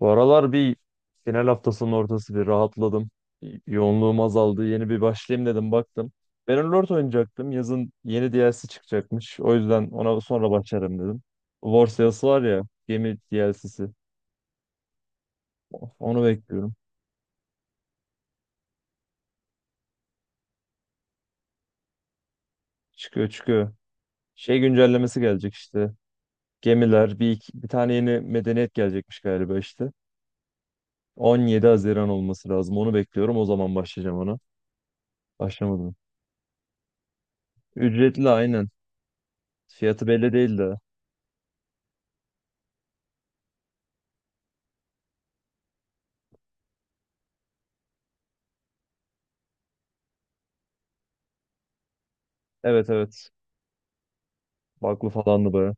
Bu aralar bir final haftasının ortası bir rahatladım. Yoğunluğum azaldı. Yeni bir başlayayım dedim baktım. Bannerlord oynayacaktım. Yazın yeni DLC çıkacakmış. O yüzden ona sonra başlarım dedim. War Sales'ı var ya gemi DLC'si. Onu bekliyorum. Çıkıyor çıkıyor. Şey güncellemesi gelecek işte. Gemiler bir, bir tane yeni medeniyet gelecekmiş galiba işte. 17 Haziran olması lazım. Onu bekliyorum. O zaman başlayacağım ona. Başlamadım. Ücretli aynen. Fiyatı belli değil de. Evet evet. Baklı falandı baya.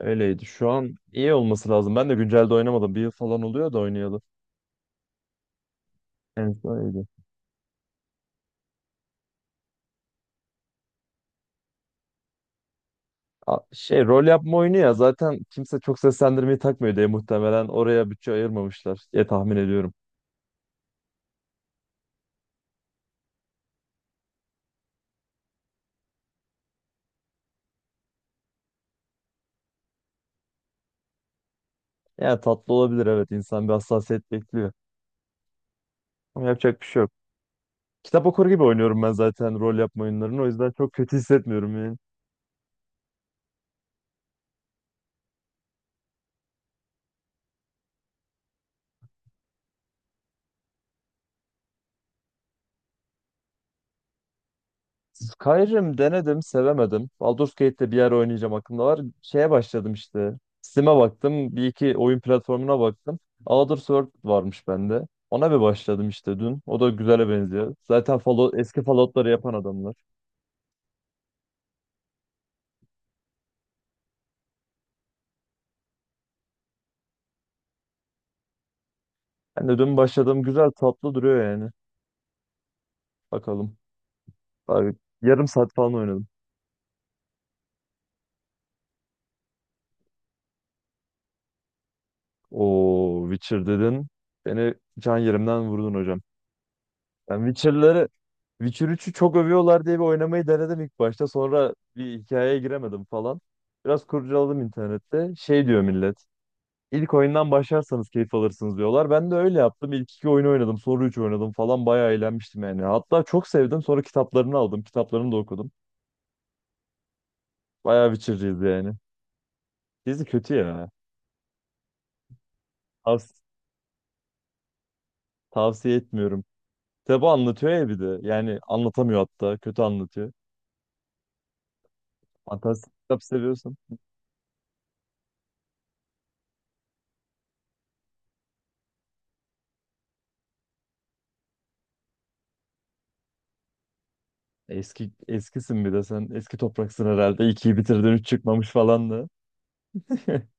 Öyleydi. Şu an iyi olması lazım. Ben de güncelde oynamadım. Bir yıl falan oluyor da oynayalı. En son iyiydi. Şey rol yapma oyunu ya zaten kimse çok seslendirmeyi takmıyor diye muhtemelen oraya bütçe ayırmamışlar diye tahmin ediyorum. Yani tatlı olabilir, evet, insan bir hassasiyet bekliyor. Ama yapacak bir şey yok. Kitap okur gibi oynuyorum ben zaten rol yapma oyunlarını, o yüzden çok kötü hissetmiyorum yani. Skyrim denedim, sevemedim. Baldur's Gate'de bir yer oynayacağım aklımda var. Şeye başladım işte. Steam'e baktım. Bir iki oyun platformuna baktım. Elder Sword varmış bende. Ona bir başladım işte dün. O da güzele benziyor. Zaten Fallout, eski Fallout'ları yapan adamlar. Ben de dün başladım. Güzel, tatlı duruyor yani. Bakalım. Abi, yarım saat falan oynadım. O Witcher dedin. Beni can yerimden vurdun hocam. Yani Witcher'ları Witcher üçü çok övüyorlar diye bir oynamayı denedim ilk başta. Sonra bir hikayeye giremedim falan. Biraz kurcaladım internette. Şey diyor millet. İlk oyundan başlarsanız keyif alırsınız diyorlar. Ben de öyle yaptım. İlk iki oyunu oynadım. Sonra üç oynadım falan. Bayağı eğlenmiştim yani. Hatta çok sevdim. Sonra kitaplarını aldım. Kitaplarını da okudum. Bayağı Witcher'cıyız yani. Dizi kötü ya. Tavs- tavsiye etmiyorum. Kitabı anlatıyor ya bir de. Yani anlatamıyor hatta. Kötü anlatıyor. Fantastik kitap seviyorsan. Eski eskisin bir de sen. Eski topraksın herhalde. İkiyi bitirdin, üç çıkmamış falan da.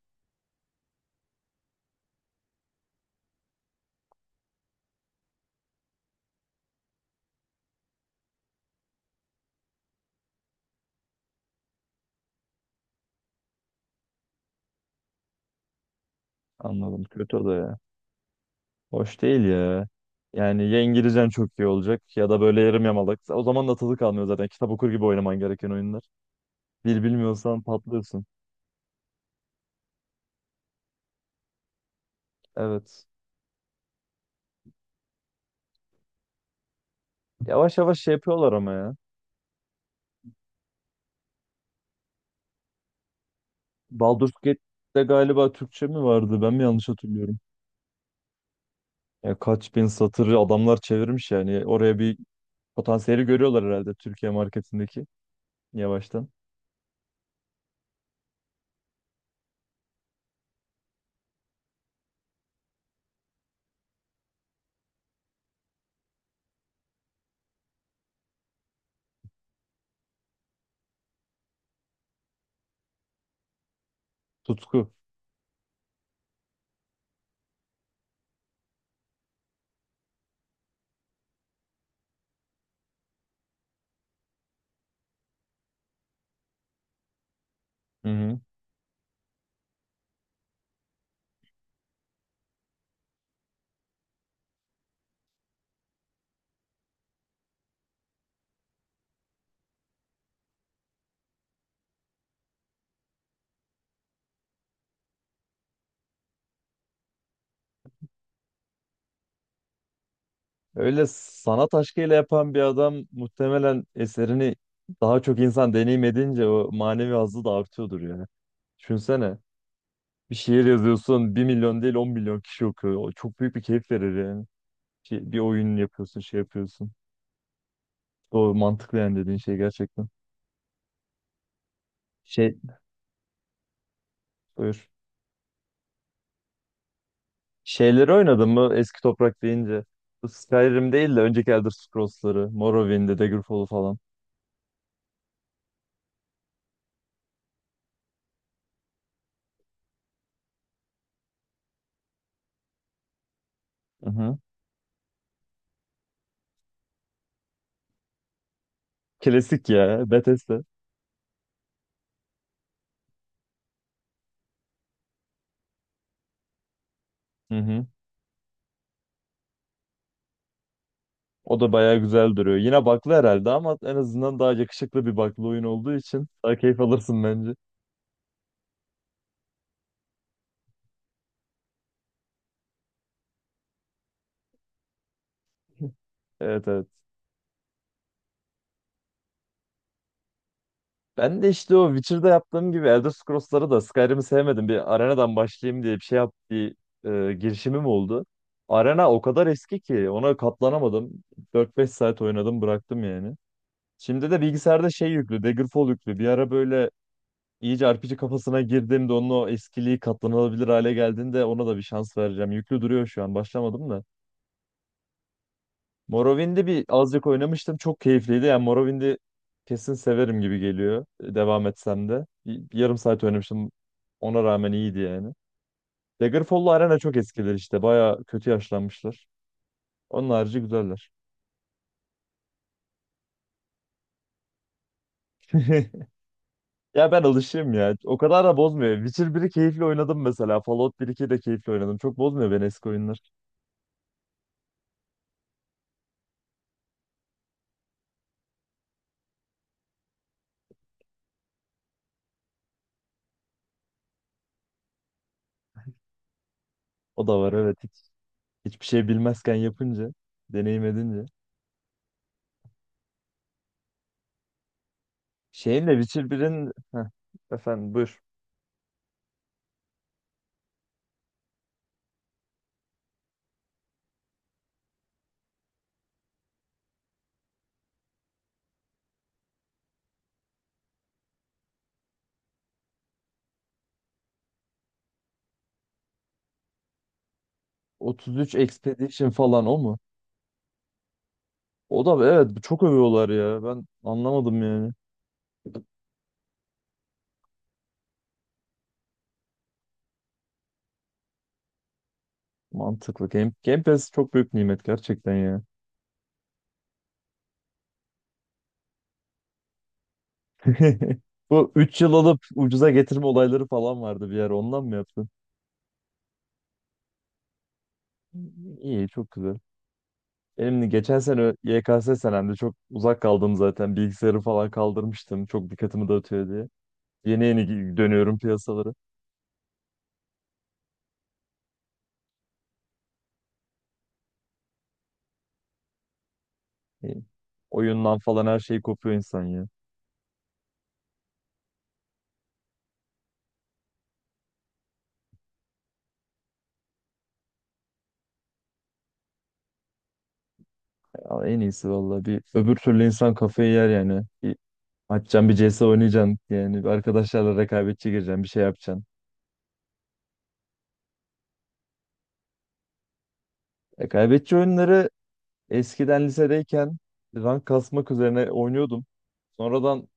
Anladım. Kötü o da ya. Hoş değil ya. Yani ya İngilizcen çok iyi olacak ya da böyle yarım yamalak. O zaman da tadı kalmıyor zaten. Kitap okur gibi oynaman gereken oyunlar. Dil bilmiyorsan patlıyorsun. Evet. Yavaş yavaş şey yapıyorlar ama ya. Baldur's Gate'de galiba Türkçe mi vardı? Ben mi yanlış hatırlıyorum? Ya kaç bin satırı adamlar çevirmiş yani. Oraya bir potansiyeli görüyorlar herhalde, Türkiye marketindeki, yavaştan. Tutku. Hı hı. Öyle sanat aşkıyla yapan bir adam muhtemelen eserini daha çok insan deneyim edince o manevi hazzı da artıyordur ya. Düşünsene, bir şiir yazıyorsun, bir milyon değil 10 milyon kişi okuyor. O çok büyük bir keyif verir yani. Şey, bir oyun yapıyorsun, şey yapıyorsun. Doğru, mantıklı yani dediğin şey gerçekten. Şey, buyur. Şeyleri oynadın mı eski toprak deyince? Bu Skyrim değil de önceki Elder Scrolls'ları. Morrowind'i, Daggerfall'u falan. Hı hı. Klasik ya, Bethesda. Hı hı. O da bayağı güzel duruyor. Yine baklı herhalde ama en azından daha yakışıklı bir baklı oyun olduğu için daha keyif alırsın bence. Evet evet. Ben de işte o Witcher'da yaptığım gibi Elder Scrolls'ları da, Skyrim'i sevmedim. Bir arenadan başlayayım diye bir şey yap bir girişimim oldu. Arena o kadar eski ki ona katlanamadım. 4-5 saat oynadım, bıraktım yani. Şimdi de bilgisayarda şey yüklü, Daggerfall yüklü. Bir ara böyle iyice RPG kafasına girdiğimde, onun o eskiliği katlanılabilir hale geldiğinde ona da bir şans vereceğim. Yüklü duruyor şu an, başlamadım da. Morrowind'i bir azıcık oynamıştım. Çok keyifliydi. Yani Morrowind'i kesin severim gibi geliyor. Devam etsem de. Bir yarım saat oynamıştım. Ona rağmen iyiydi yani. Daggerfall'la Arena çok eskiler işte. Baya kötü yaşlanmışlar. Onun harici güzeller. Ya ben alışığım ya. O kadar da bozmuyor. Witcher biri keyifli oynadım mesela. Fallout bir iki de keyifli oynadım. Çok bozmuyor beni eski oyunlar. O da var, evet. Hiçbir şey bilmezken yapınca, deneyim edince. Şeyin de Witcher birin. Heh, efendim, buyur. 33 Expedition falan o mu? O da evet, çok övüyorlar ya. Ben anlamadım yani. Mantıklı. Game Pass çok büyük nimet gerçekten ya. Bu 3 yıl alıp ucuza getirme olayları falan vardı bir yer. Ondan mı yaptın? İyi, çok güzel. Benim de geçen sene YKS senemde çok uzak kaldım zaten. Bilgisayarı falan kaldırmıştım. Çok dikkatimi dağıtıyor diye. Yeni yeni dönüyorum piyasalara. İyi. Oyundan falan her şey kopuyor insan ya. Ya en iyisi vallahi, bir öbür türlü insan kafayı yer yani. Açacaksın bir CS oynayacaksın. Yani bir arkadaşlarla rekabetçi gireceksin. Bir şey yapacaksın. Rekabetçi oyunları eskiden lisedeyken rank kasmak üzerine oynuyordum. Sonradan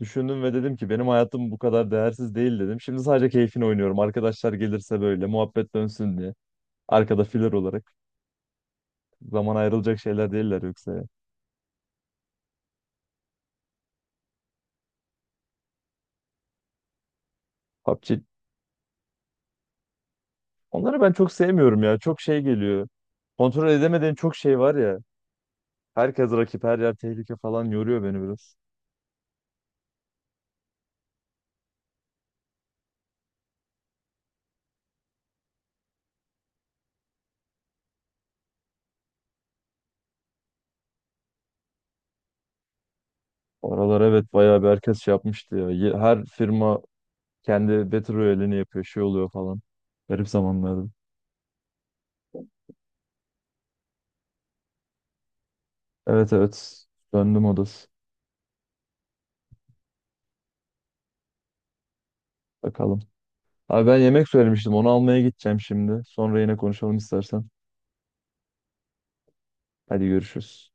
düşündüm ve dedim ki benim hayatım bu kadar değersiz değil dedim. Şimdi sadece keyfini oynuyorum. Arkadaşlar gelirse böyle muhabbet dönsün diye. Arkada filler olarak. Zaman ayrılacak şeyler değiller yoksa ya. PUBG. Onları ben çok sevmiyorum ya. Çok şey geliyor. Kontrol edemediğin çok şey var ya. Herkes rakip, her yer tehlike falan, yoruyor beni biraz. Oralar evet bayağı bir herkes şey yapmıştı ya. Her firma kendi Battle Royale'ini yapıyor, şey oluyor falan. Garip zamanlardı. Evet evet. Döndüm odası. Bakalım. Abi, ben yemek söylemiştim. Onu almaya gideceğim şimdi. Sonra yine konuşalım istersen. Hadi görüşürüz.